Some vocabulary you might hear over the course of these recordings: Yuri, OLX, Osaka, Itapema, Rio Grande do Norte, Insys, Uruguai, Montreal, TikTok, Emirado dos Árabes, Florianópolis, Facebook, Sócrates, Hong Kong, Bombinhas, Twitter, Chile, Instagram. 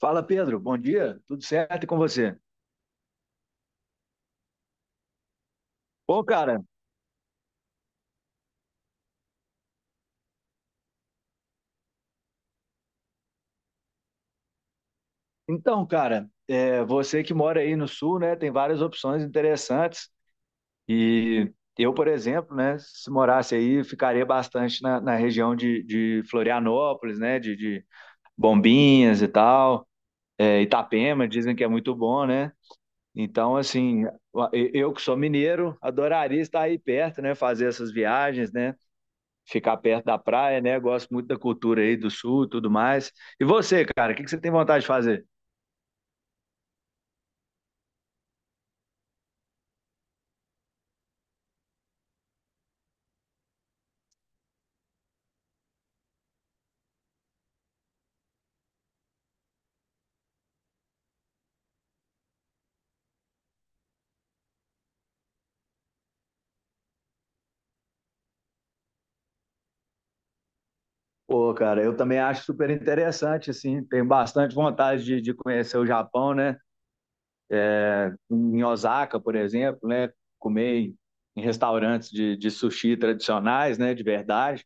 Fala, Pedro. Bom dia. Tudo certo e com você? Bom, cara, então, cara, você que mora aí no sul, né, tem várias opções interessantes. E eu, por exemplo, né, se morasse aí, ficaria bastante na região de Florianópolis, né, de Bombinhas e tal. É, Itapema, dizem que é muito bom, né? Então, assim, eu que sou mineiro, adoraria estar aí perto, né, fazer essas viagens, né? Ficar perto da praia, né? Gosto muito da cultura aí do sul, e tudo mais. E você, cara, o que que você tem vontade de fazer? Pô, cara, eu também acho super interessante, assim, tenho bastante vontade de conhecer o Japão, né? Em Osaka, por exemplo, né? Comer em restaurantes de sushi tradicionais, né? De verdade.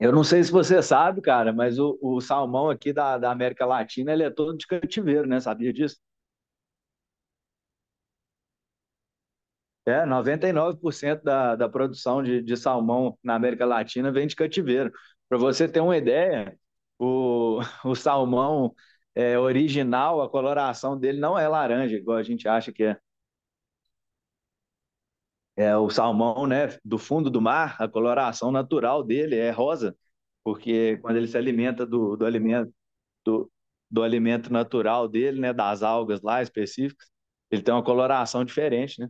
Eu não sei se você sabe, cara, mas o salmão aqui da América Latina, ele é todo de cativeiro, né? Sabia disso? É, 99% da produção de salmão na América Latina vem de cativeiro. Para você ter uma ideia, o salmão original, a coloração dele não é laranja, igual a gente acha que é. É, o salmão, né, do fundo do mar, a coloração natural dele é rosa, porque quando ele se alimenta do alimento do, do alimento natural dele, né, das algas lá específicas, ele tem uma coloração diferente, né?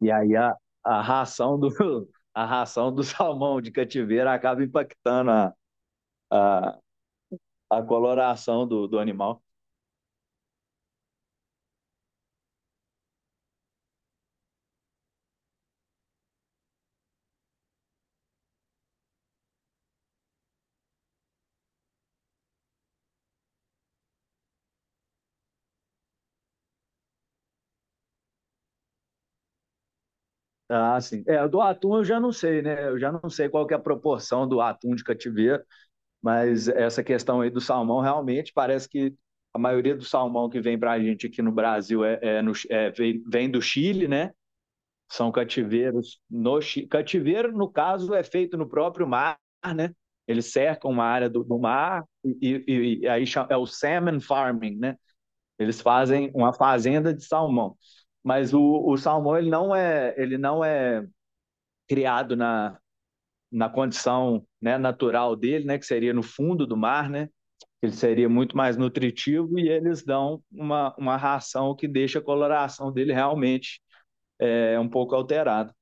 E aí a ração do, a ração do salmão de cativeiro acaba impactando a, a coloração do animal. Ah, sim. É, do atum eu já não sei, né? Eu já não sei qual que é a proporção do atum de cativeiro, mas essa questão aí do salmão realmente parece que a maioria do salmão que vem para a gente aqui no Brasil é, é, no, é vem, vem do Chile, né? São cativeiros no Cativeiro, no caso, é feito no próprio mar, né? Eles cercam uma área do mar e aí chama, é o salmon farming, né? Eles fazem uma fazenda de salmão. Mas o salmão, ele não é criado na condição, né, natural dele, né? Que seria no fundo do mar, né? Ele seria muito mais nutritivo e eles dão uma ração que deixa a coloração dele realmente é um pouco alterada.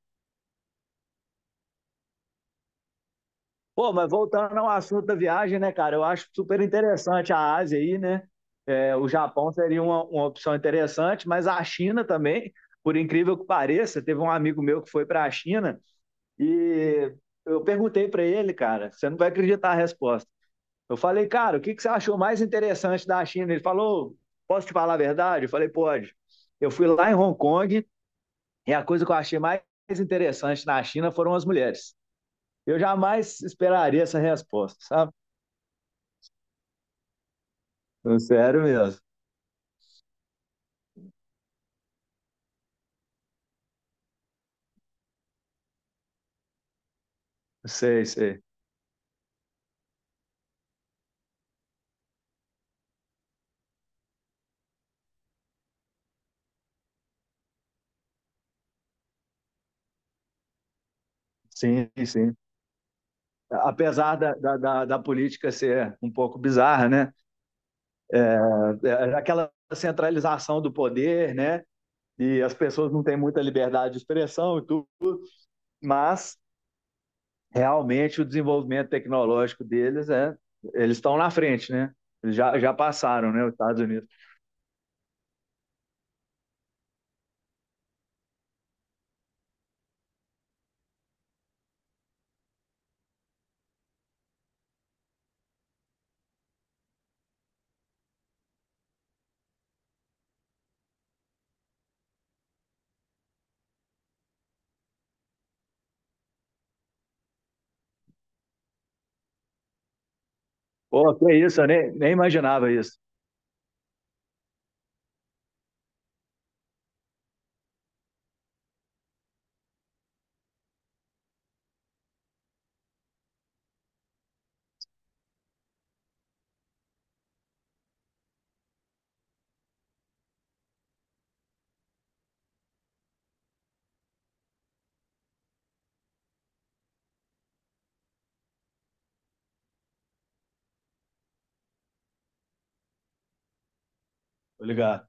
Pô, mas voltando ao assunto da viagem, né, cara? Eu acho super interessante a Ásia aí, né? É, o Japão seria uma opção interessante, mas a China também, por incrível que pareça, teve um amigo meu que foi para a China e eu perguntei para ele, cara, você não vai acreditar a resposta. Eu falei, cara, o que que você achou mais interessante da China? Ele falou, posso te falar a verdade? Eu falei, pode. Eu fui lá em Hong Kong e a coisa que eu achei mais interessante na China foram as mulheres. Eu jamais esperaria essa resposta, sabe? Sério mesmo. Sei, sei. Sim, sim. Apesar da política ser um pouco bizarra, né? É, é aquela centralização do poder, né? E as pessoas não têm muita liberdade de expressão e tudo, mas realmente o desenvolvimento tecnológico deles é. Eles estão na frente, né? Eles já passaram, né? Os Estados Unidos. Pô, que isso, eu nem imaginava isso. Tô ligado.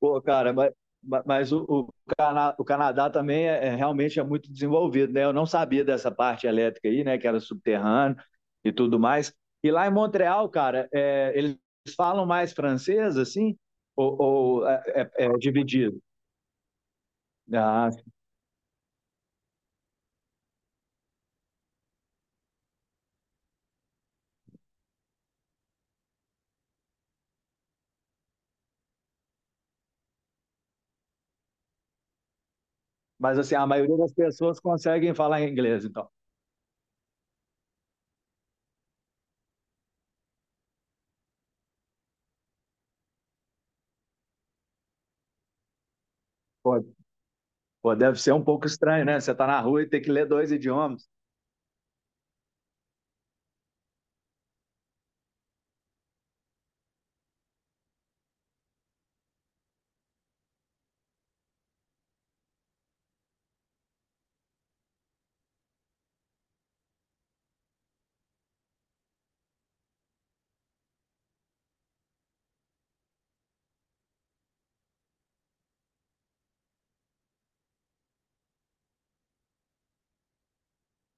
Pô, cara, mas, mas o Canadá também é, realmente é muito desenvolvido, né? Eu não sabia dessa parte elétrica aí, né? Que era subterrâneo e tudo mais. E lá em Montreal, cara, é, eles falam mais francês, assim, ou, ou é, é dividido? Ah, mas assim, a maioria das pessoas conseguem falar inglês, então. Pô, pô, deve ser um pouco estranho, né? Você tá na rua e tem que ler dois idiomas.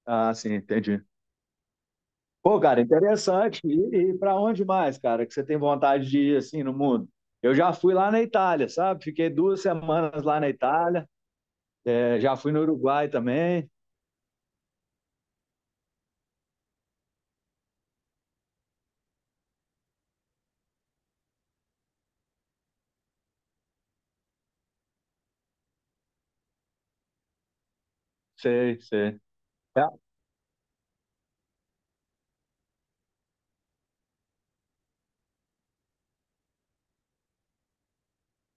Ah, sim, entendi. Pô, cara, interessante. E para onde mais, cara, que você tem vontade de ir assim no mundo? Eu já fui lá na Itália, sabe? Fiquei 2 semanas lá na Itália. É, já fui no Uruguai também. Sei, sei. É,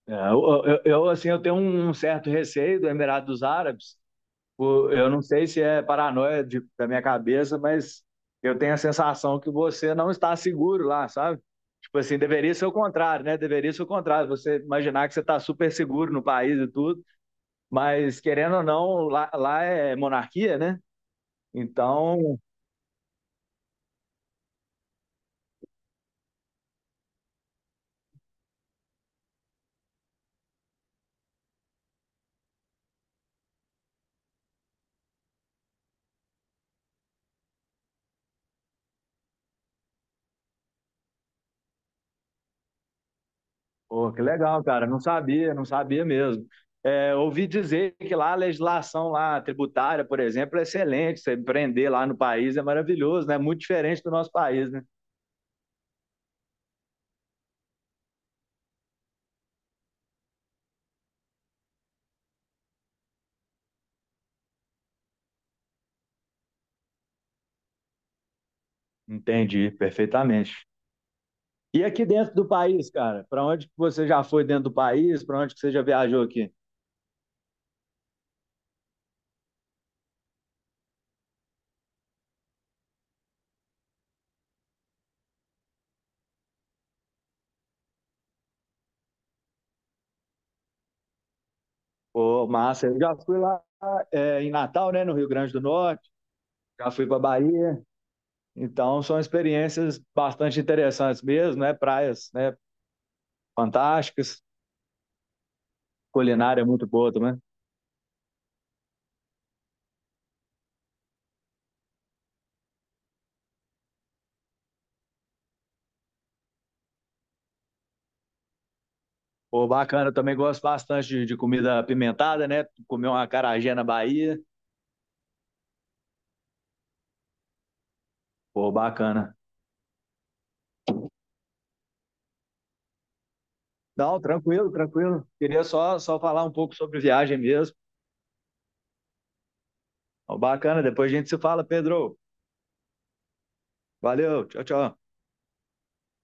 eu, assim, eu tenho um certo receio do Emirado dos Árabes. Eu não sei se é paranoia da minha cabeça, mas eu tenho a sensação que você não está seguro lá, sabe? Tipo assim, deveria ser o contrário, né? Deveria ser o contrário. Você imaginar que você está super seguro no país e tudo. Mas, querendo ou não, lá, lá é monarquia, né? Então, pô, que legal, cara. Não sabia, não sabia mesmo. É, ouvi dizer que lá a legislação lá, tributária, por exemplo, é excelente. Você empreender lá no país é maravilhoso, né? Muito diferente do nosso país, né? Entendi, perfeitamente. E aqui dentro do país, cara, para onde que você já foi dentro do país? Para onde que você já viajou aqui? Pô, massa, eu já fui lá em Natal, né, no Rio Grande do Norte, já fui para Bahia. Então, são experiências bastante interessantes mesmo, né? Praias, né? Fantásticas, culinária muito boa também. Pô, bacana, eu também gosto bastante de comida apimentada, né? Comer uma acarajé na Bahia. Pô, bacana. Não, tranquilo, tranquilo. Queria só falar um pouco sobre viagem mesmo. Ó, bacana, depois a gente se fala, Pedro. Valeu, tchau, tchau.